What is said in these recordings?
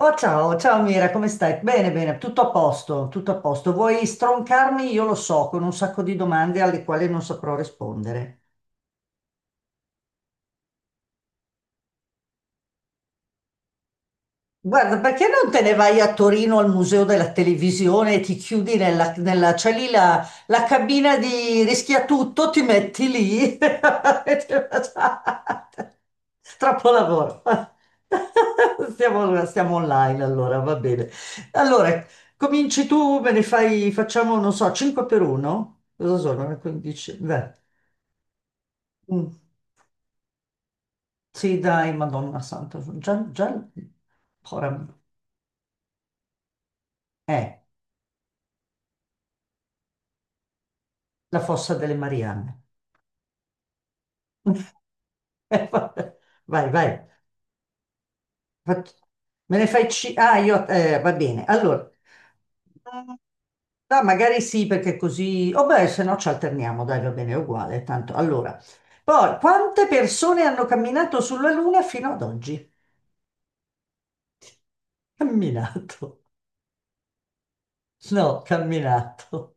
Oh, ciao, Mira, come stai? Bene, bene, tutto a posto, tutto a posto. Vuoi stroncarmi? Io lo so, con un sacco di domande alle quali non saprò rispondere. Guarda, perché non te ne vai a Torino al Museo della Televisione e ti chiudi c'è lì la cabina di Rischiatutto, ti metti lì e ti- Troppo lavoro. Stiamo online allora, va bene. Allora, cominci tu, me ne fai, facciamo, non so, 5 per 1? Cosa sono? Le 15? Mm, Sì, dai, Madonna Santa, sono già, ora- eh, la fossa delle Marianne. Vabbè. Vai, vai. Fac- Me ne fai ci... Ah, io... va bene. Allora, Mm, magari sì, perché così... Oh beh, se no ci alterniamo, dai, va bene, è uguale, tanto. Allora, poi, quante persone hanno camminato sulla Luna fino ad oggi? Camminato. No, camminato.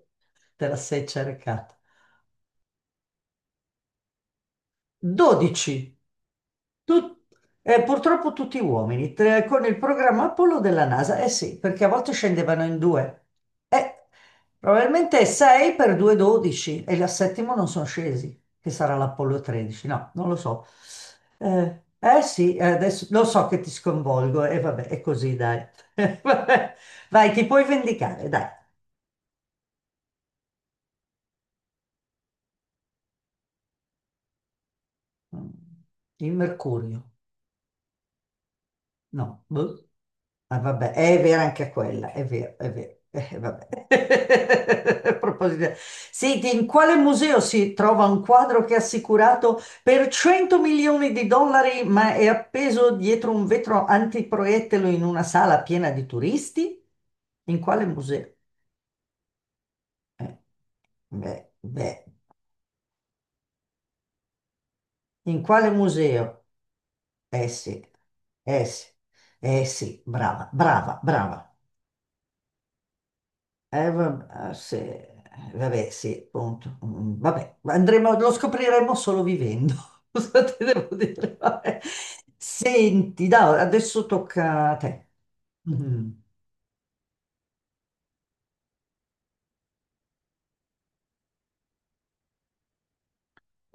Te la sei cercata. 12. Tut- purtroppo tutti uomini, tre- con il programma Apollo della NASA, eh sì, perché a volte scendevano in due. Eh, probabilmente 6 per 2, 12 e la settima non sono scesi, che sarà l'Apollo 13, no, non lo so. Sì, adesso lo so che ti sconvolgo e vabbè, è così, dai. Vai, ti puoi vendicare, dai. Mm, Il mercurio. No, boh. Ah, vabbè, è vera anche quella, è vero, è vero. Vabbè. A proposito, senti, in quale museo si trova un quadro che è assicurato per 100 milioni di dollari, ma è appeso dietro un vetro antiproiettile in una sala piena di turisti? In quale museo? Eh, beh, beh, in quale museo? Eh sì, eh sì, eh sì, brava, brava, brava. Eh, va- eh, se- vabbè, sì, appunto. Vabbè, andremo, lo scopriremo solo vivendo. Cosa ti devo dire? Vabbè. Senti, no, adesso tocca a te. Mm.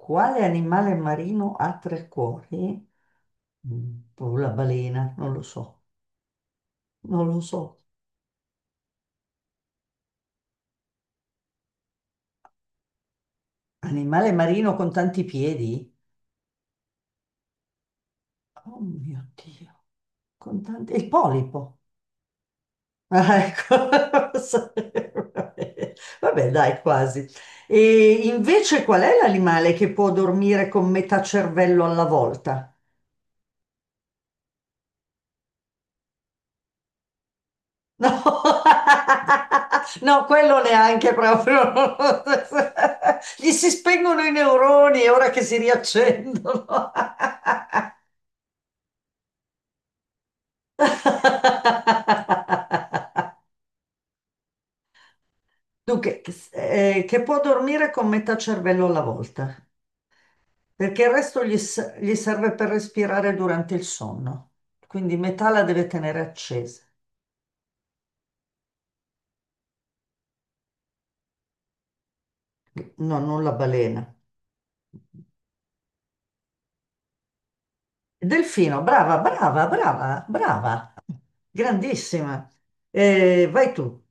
Quale animale marino ha tre cuori? Boh, la balena, non lo so. Animale marino con tanti piedi? Oh mio Dio, con tanti... Il polipo. Ah, ecco, lo sapevo. Vabbè, dai, quasi. E invece qual è l'animale che può dormire con metà cervello alla volta? No, no, quello neanche proprio. Gli si spengono i neuroni e ora che si riaccendono. Dunque, che può dormire con metà cervello alla volta? Perché il resto gli serve per respirare durante il sonno, quindi metà la deve tenere accesa, no, non la balena. Delfino, brava, brava, brava, brava, grandissima. Vai tu.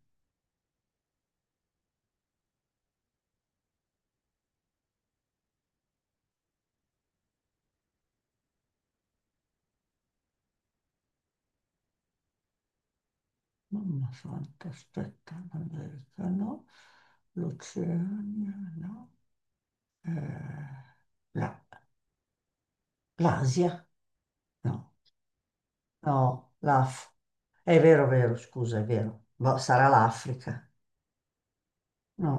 Mamma santa, aspetta, l'America no, l'Oceania no, eh, la- l'Asia no, no, l'Af. È vero, vero, scusa, è vero, boh, sarà l'Africa. No,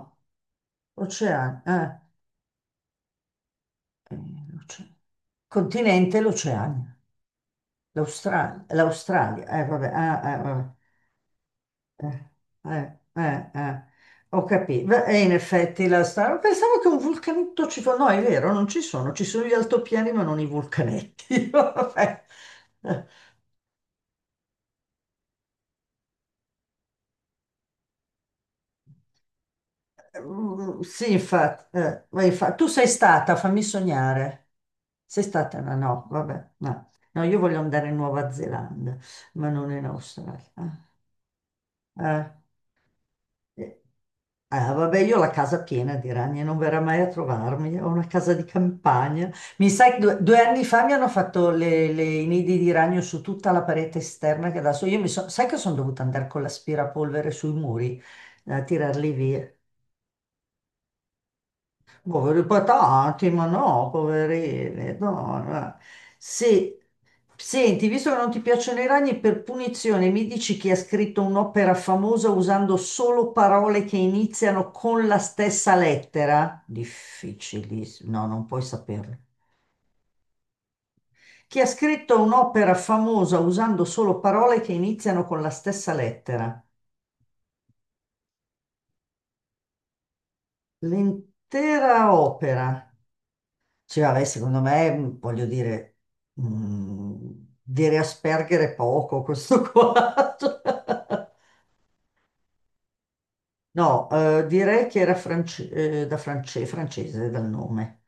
Oceania, eh, l'oce- continente l'Oceania, l'Australia, vabbè, ah, eh, vabbè, eh. Ho capito, e in effetti l'Australia, pensavo che un vulcanetto ci fosse, no, è vero, non ci sono, ci sono gli altopiani ma non i vulcanetti, vabbè. Sì, infatti, vai, infa- tu sei stata, fammi sognare. Sei stata? No, no, vabbè, no. No, io voglio andare in Nuova Zelanda, ma non in Australia. Ah, eh, vabbè, io ho la casa piena di ragni, non verrà mai a trovarmi. Ho una casa di campagna. Mi sai che due anni fa mi hanno fatto i nidi di ragno su tutta la parete esterna che adesso io mi sono... Sai che sono dovuta andare con l'aspirapolvere sui muri a tirarli via. Poveri patati, ma no, poverini, no, no. Se, senti, visto che non ti piacciono i ragni, per punizione mi dici chi ha scritto un'opera famosa usando solo parole che iniziano con la stessa lettera? Difficilissimo, no, non puoi saperlo. Chi ha scritto un'opera famosa usando solo parole che iniziano con la stessa lettera? L'intera opera. Sì, vabbè, secondo me, voglio dire, mh, dire Asperger è poco questo qua. Cioè, no, direi che era france- francese dal nome.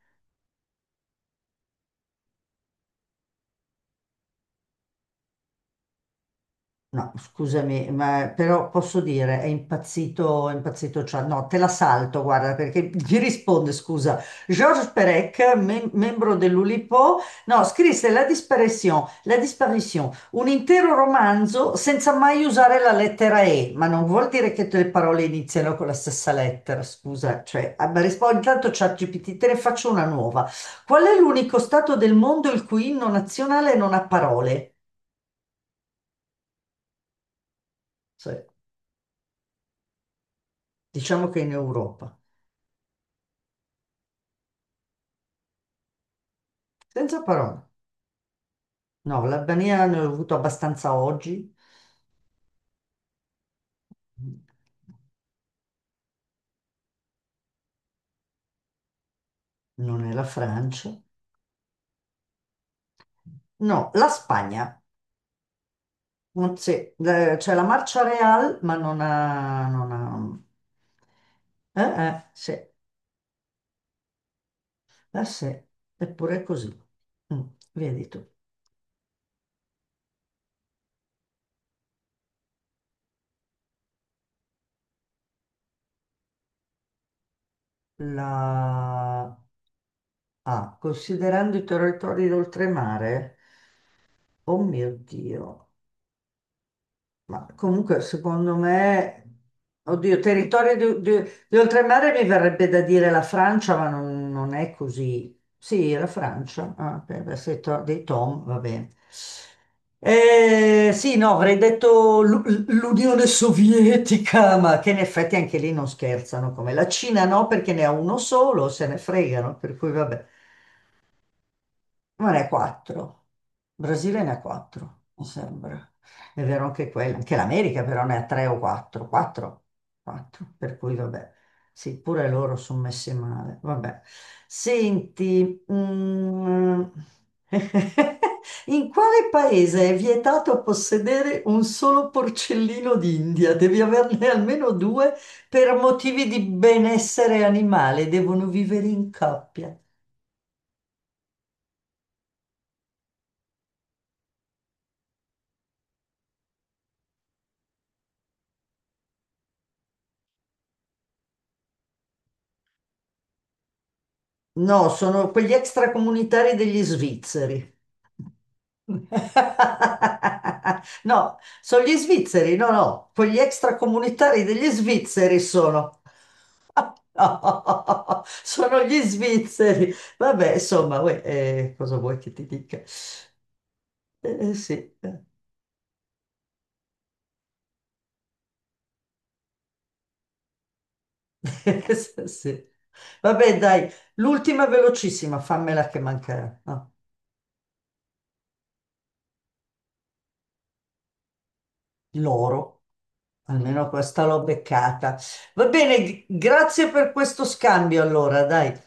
No, scusami, ma però posso dire, è impazzito Chad. No, te la salto, guarda, perché gli risponde, scusa, Georges Perec, mem- membro dell'Ulipo, no, scrisse La disparition, un intero romanzo senza mai usare la lettera E, ma non vuol dire che tutte le parole iniziano con la stessa lettera, scusa, cioè, ah, ma rispondi, intanto ChatGPT, te ne faccio una nuova. Qual è l'unico stato del mondo il cui inno nazionale non ha parole? Cioè, diciamo che in Europa. Senza parole. No, l'Albania ne ho avuto abbastanza oggi, non è la Francia. No, la Spagna. Non c'è c'è la Marcia Real, ma non ha... non ha- Eh, sì, sì, eppure è così. Mm, vedi tu. La... Ah, considerando i territori d'oltremare, oh mio Dio. Ma comunque, secondo me, oddio, di oltremare mi verrebbe da dire la Francia, ma non è così. Sì, la Francia, ah, beh, beh, se to- dei Tom, va bene. Sì, no, avrei detto l'U- l'Unione Sovietica, ma che in effetti anche lì non scherzano, come la Cina no, perché ne ha uno solo, se ne fregano, per cui vabbè. Ma ne ha quattro. Brasile ne ha quattro, mi sembra. È vero anche quello. Anche l'America però ne ha tre o quattro. Quattro. Quattro. Per cui vabbè. Sì, pure loro sono messi male. Vabbè. Senti, in quale paese è vietato possedere un solo porcellino d'India? Devi averne almeno due per motivi di benessere animale. Devono vivere in coppia. No, sono quegli extracomunitari degli svizzeri. No, sono gli svizzeri, no, no, quegli extracomunitari degli svizzeri sono. No, sono gli svizzeri. Vabbè, insomma, uè, cosa vuoi che ti dica? Sì. Sì. Vabbè, dai, l'ultima velocissima, fammela che manca. No? Loro, almeno questa l'ho beccata. Va bene, grazie per questo scambio allora, dai.